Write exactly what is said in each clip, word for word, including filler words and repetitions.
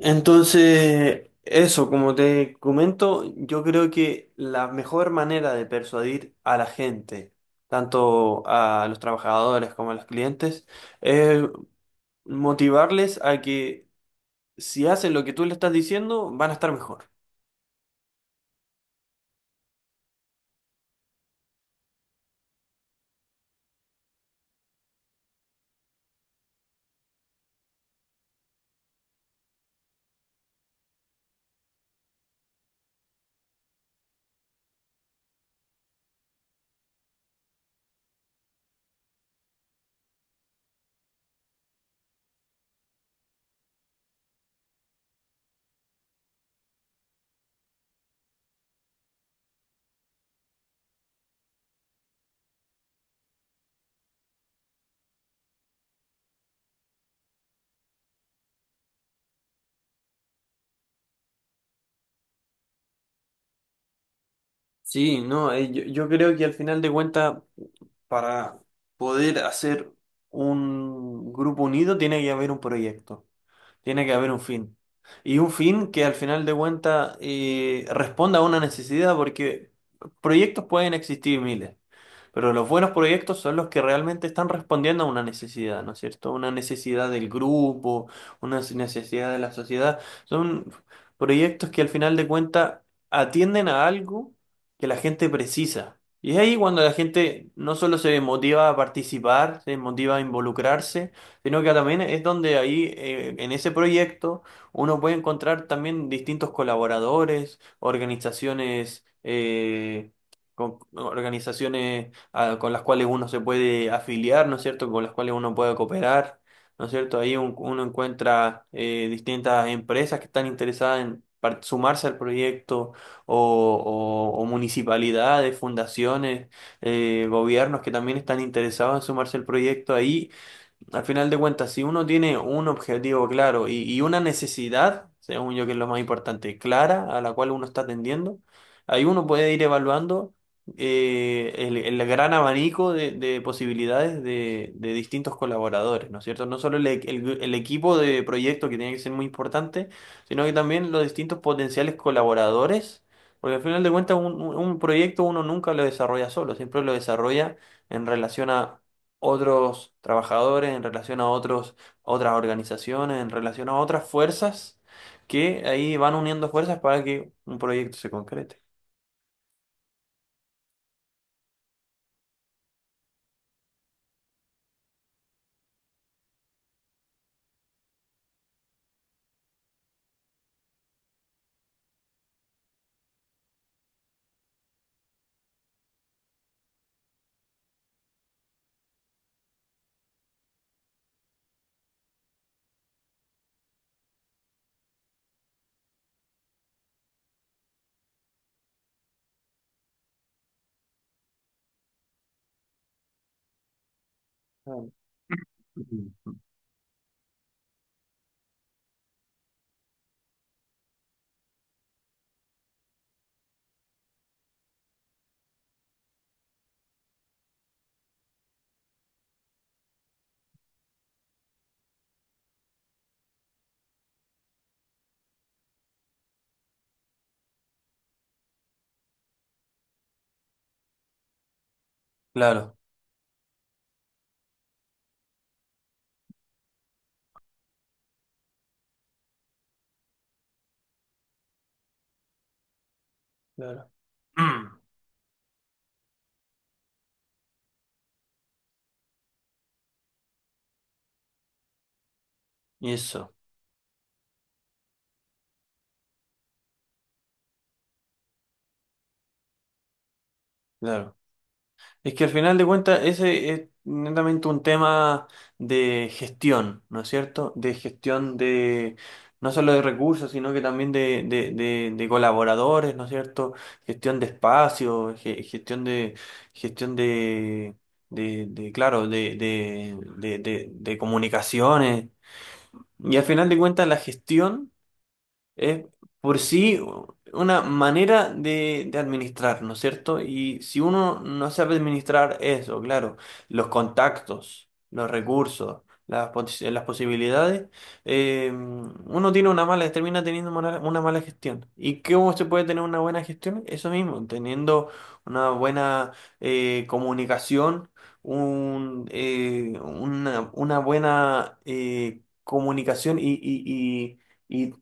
Entonces, eso, como te comento, yo creo que la mejor manera de persuadir a la gente, tanto a los trabajadores como a los clientes, es motivarles a que si hacen lo que tú le estás diciendo, van a estar mejor. Sí, no, eh, yo, yo creo que al final de cuentas, para poder hacer un grupo unido, tiene que haber un proyecto. Tiene que haber un fin. Y un fin que al final de cuentas eh, responda a una necesidad, porque proyectos pueden existir miles. Pero los buenos proyectos son los que realmente están respondiendo a una necesidad, ¿no es cierto? Una necesidad del grupo, una necesidad de la sociedad. Son proyectos que al final de cuentas atienden a algo que la gente precisa. Y es ahí cuando la gente no solo se motiva a participar, se motiva a involucrarse, sino que también es donde ahí, eh, en ese proyecto, uno puede encontrar también distintos colaboradores, organizaciones, eh, con- organizaciones a- con las cuales uno se puede afiliar, ¿no es cierto? Con las cuales uno puede cooperar, ¿no es cierto? Ahí un- uno encuentra eh, distintas empresas que están interesadas en par- sumarse al proyecto o, o- o municipalidades, fundaciones, eh, gobiernos que también están interesados en sumarse al proyecto ahí al final de cuentas, si uno tiene un objetivo claro y, y una necesidad, según yo que es lo más importante, clara, a la cual uno está atendiendo, ahí uno puede ir evaluando eh, el, el gran abanico de, de posibilidades de, de distintos colaboradores, ¿no es cierto? No solo el, e- el el equipo de proyecto que tiene que ser muy importante, sino que también los distintos potenciales colaboradores, porque al final de cuentas un, un un proyecto uno nunca lo desarrolla solo, siempre lo desarrolla en relación a otros trabajadores, en relación a otros, a otras organizaciones, en relación a otras fuerzas que ahí van uniendo fuerzas para que un proyecto se concrete. Claro, claro, claro. Y eso, claro. Es que al final de cuentas ese es netamente un tema de gestión, ¿no es cierto? De gestión de no solo de recursos, sino que también de, de, de, de colaboradores, ¿no es cierto? Gestión de espacio, ge- gestión de gestión de, de, de, claro, de, de, de, de, de comunicaciones. Y al final de cuentas la gestión es por sí una manera de, de administrar, ¿no es cierto? Y si uno no sabe administrar eso, claro, los contactos, los recursos, las, pos- las posibilidades, eh, uno tiene una mala, termina teniendo una, una mala gestión. ¿Y cómo se puede tener una buena gestión? Eso mismo, teniendo una buena eh, comunicación, un, eh, una, una buena eh, comunicación y y- y- y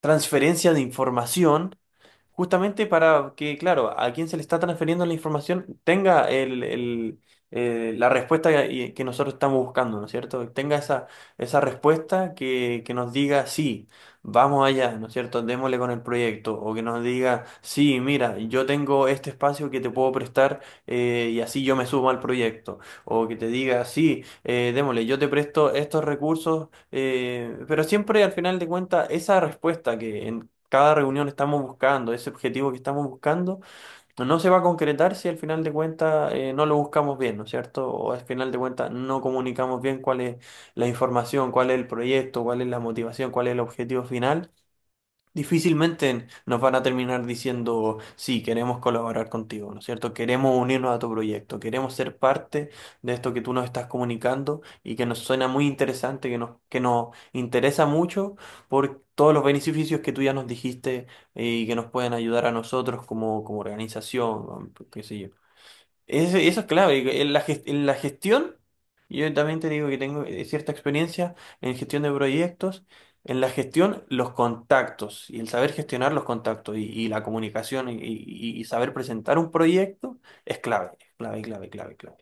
transferencia de información justamente para que, claro, a quien se le está transfiriendo la información tenga el, el, eh, la respuesta y- que nosotros estamos buscando, ¿no es cierto? Tenga esa, esa respuesta que, que nos diga, sí, vamos allá, ¿no es cierto? Démosle con el proyecto. O que nos diga, sí, mira, yo tengo este espacio que te puedo prestar, eh, y así yo me sumo al proyecto. O que te diga, sí, eh, démosle, yo te presto estos recursos. Eh, pero siempre al final de cuentas, esa respuesta que, cada reunión estamos buscando, ese objetivo que estamos buscando, no no se va a concretar si al final de cuentas eh, no lo buscamos bien, ¿no es cierto? O al final de cuentas no comunicamos bien cuál es la información, cuál es el proyecto, cuál es la motivación, cuál es el objetivo final. Difícilmente nos van a terminar diciendo, sí, queremos colaborar contigo, ¿no es cierto? Queremos unirnos a tu proyecto, queremos ser parte de esto que tú nos estás comunicando y que nos suena muy interesante, que nos, que nos interesa mucho por todos los beneficios que tú ya nos dijiste, eh, y que nos pueden ayudar a nosotros como, como organización, o qué sé yo. Eso, eso es clave. En la, ges- en la gestión, yo también te digo que tengo eh, cierta experiencia en gestión de proyectos. En la gestión, los contactos y el saber gestionar los contactos y, y la comunicación y, y- y saber presentar un proyecto es clave, es clave, clave, clave, clave.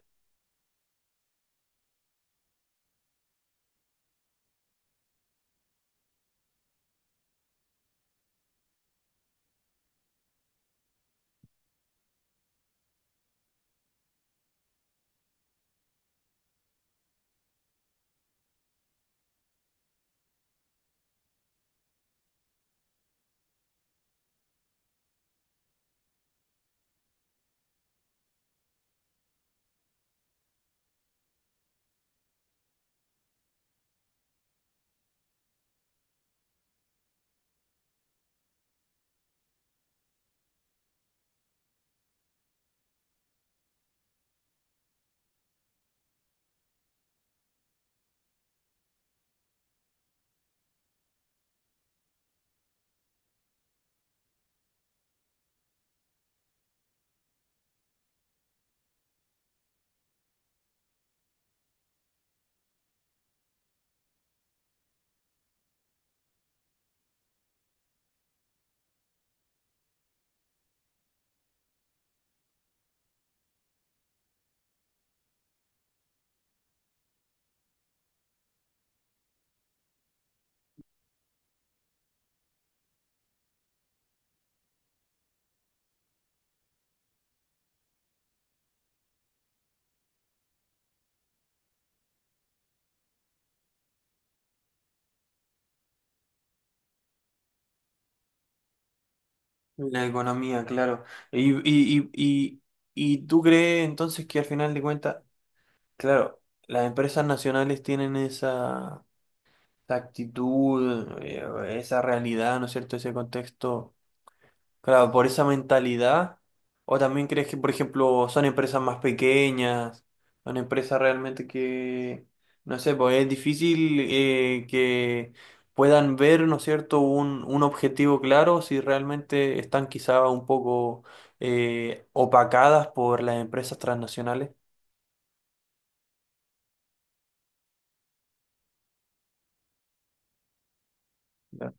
La economía, claro. Y, y, y, y, y tú crees entonces que al final de cuentas, claro, las empresas nacionales tienen esa, esa actitud, eh, esa realidad, ¿no es cierto? Ese contexto. Claro, por esa mentalidad. O también crees que, por ejemplo, son empresas más pequeñas, son empresas realmente que, no sé, pues es difícil eh, que puedan ver, ¿no es cierto?, un, un objetivo claro si realmente están quizá un poco eh, opacadas por las empresas transnacionales. Ya.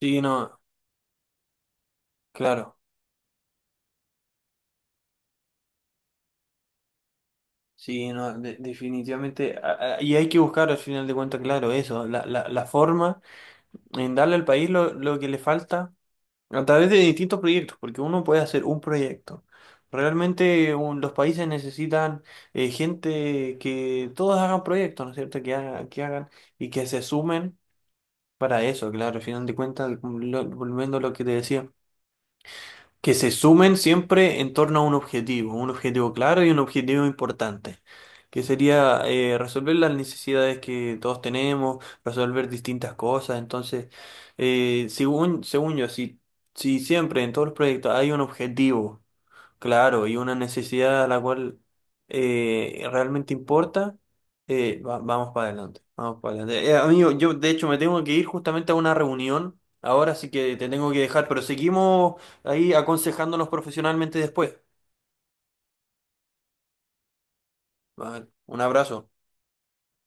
Sí, no, claro, sí, no, de- definitivamente. a- a- Y hay que buscar al final de cuentas, claro, eso, la, la, la forma en darle al país lo, lo que le falta, a través de distintos proyectos, porque uno puede hacer un proyecto. Realmente un- los países necesitan eh, gente que todos hagan proyectos, ¿no es cierto? Que, haga- que hagan y que se sumen para eso, claro, al final de cuentas, lo- volviendo a lo que te decía, que se sumen siempre en torno a un objetivo, un objetivo claro y un objetivo importante, que sería eh, resolver las necesidades que todos tenemos, resolver distintas cosas. Entonces, eh, según, según yo, si, si siempre en todos los proyectos hay un objetivo, claro, y una necesidad a la cual eh, realmente importa, eh, va- vamos para adelante, vamos para adelante. Eh, amigo, yo de hecho me tengo que ir justamente a una reunión ahora, así que te tengo que dejar, pero seguimos ahí aconsejándonos profesionalmente después. Vale, un abrazo.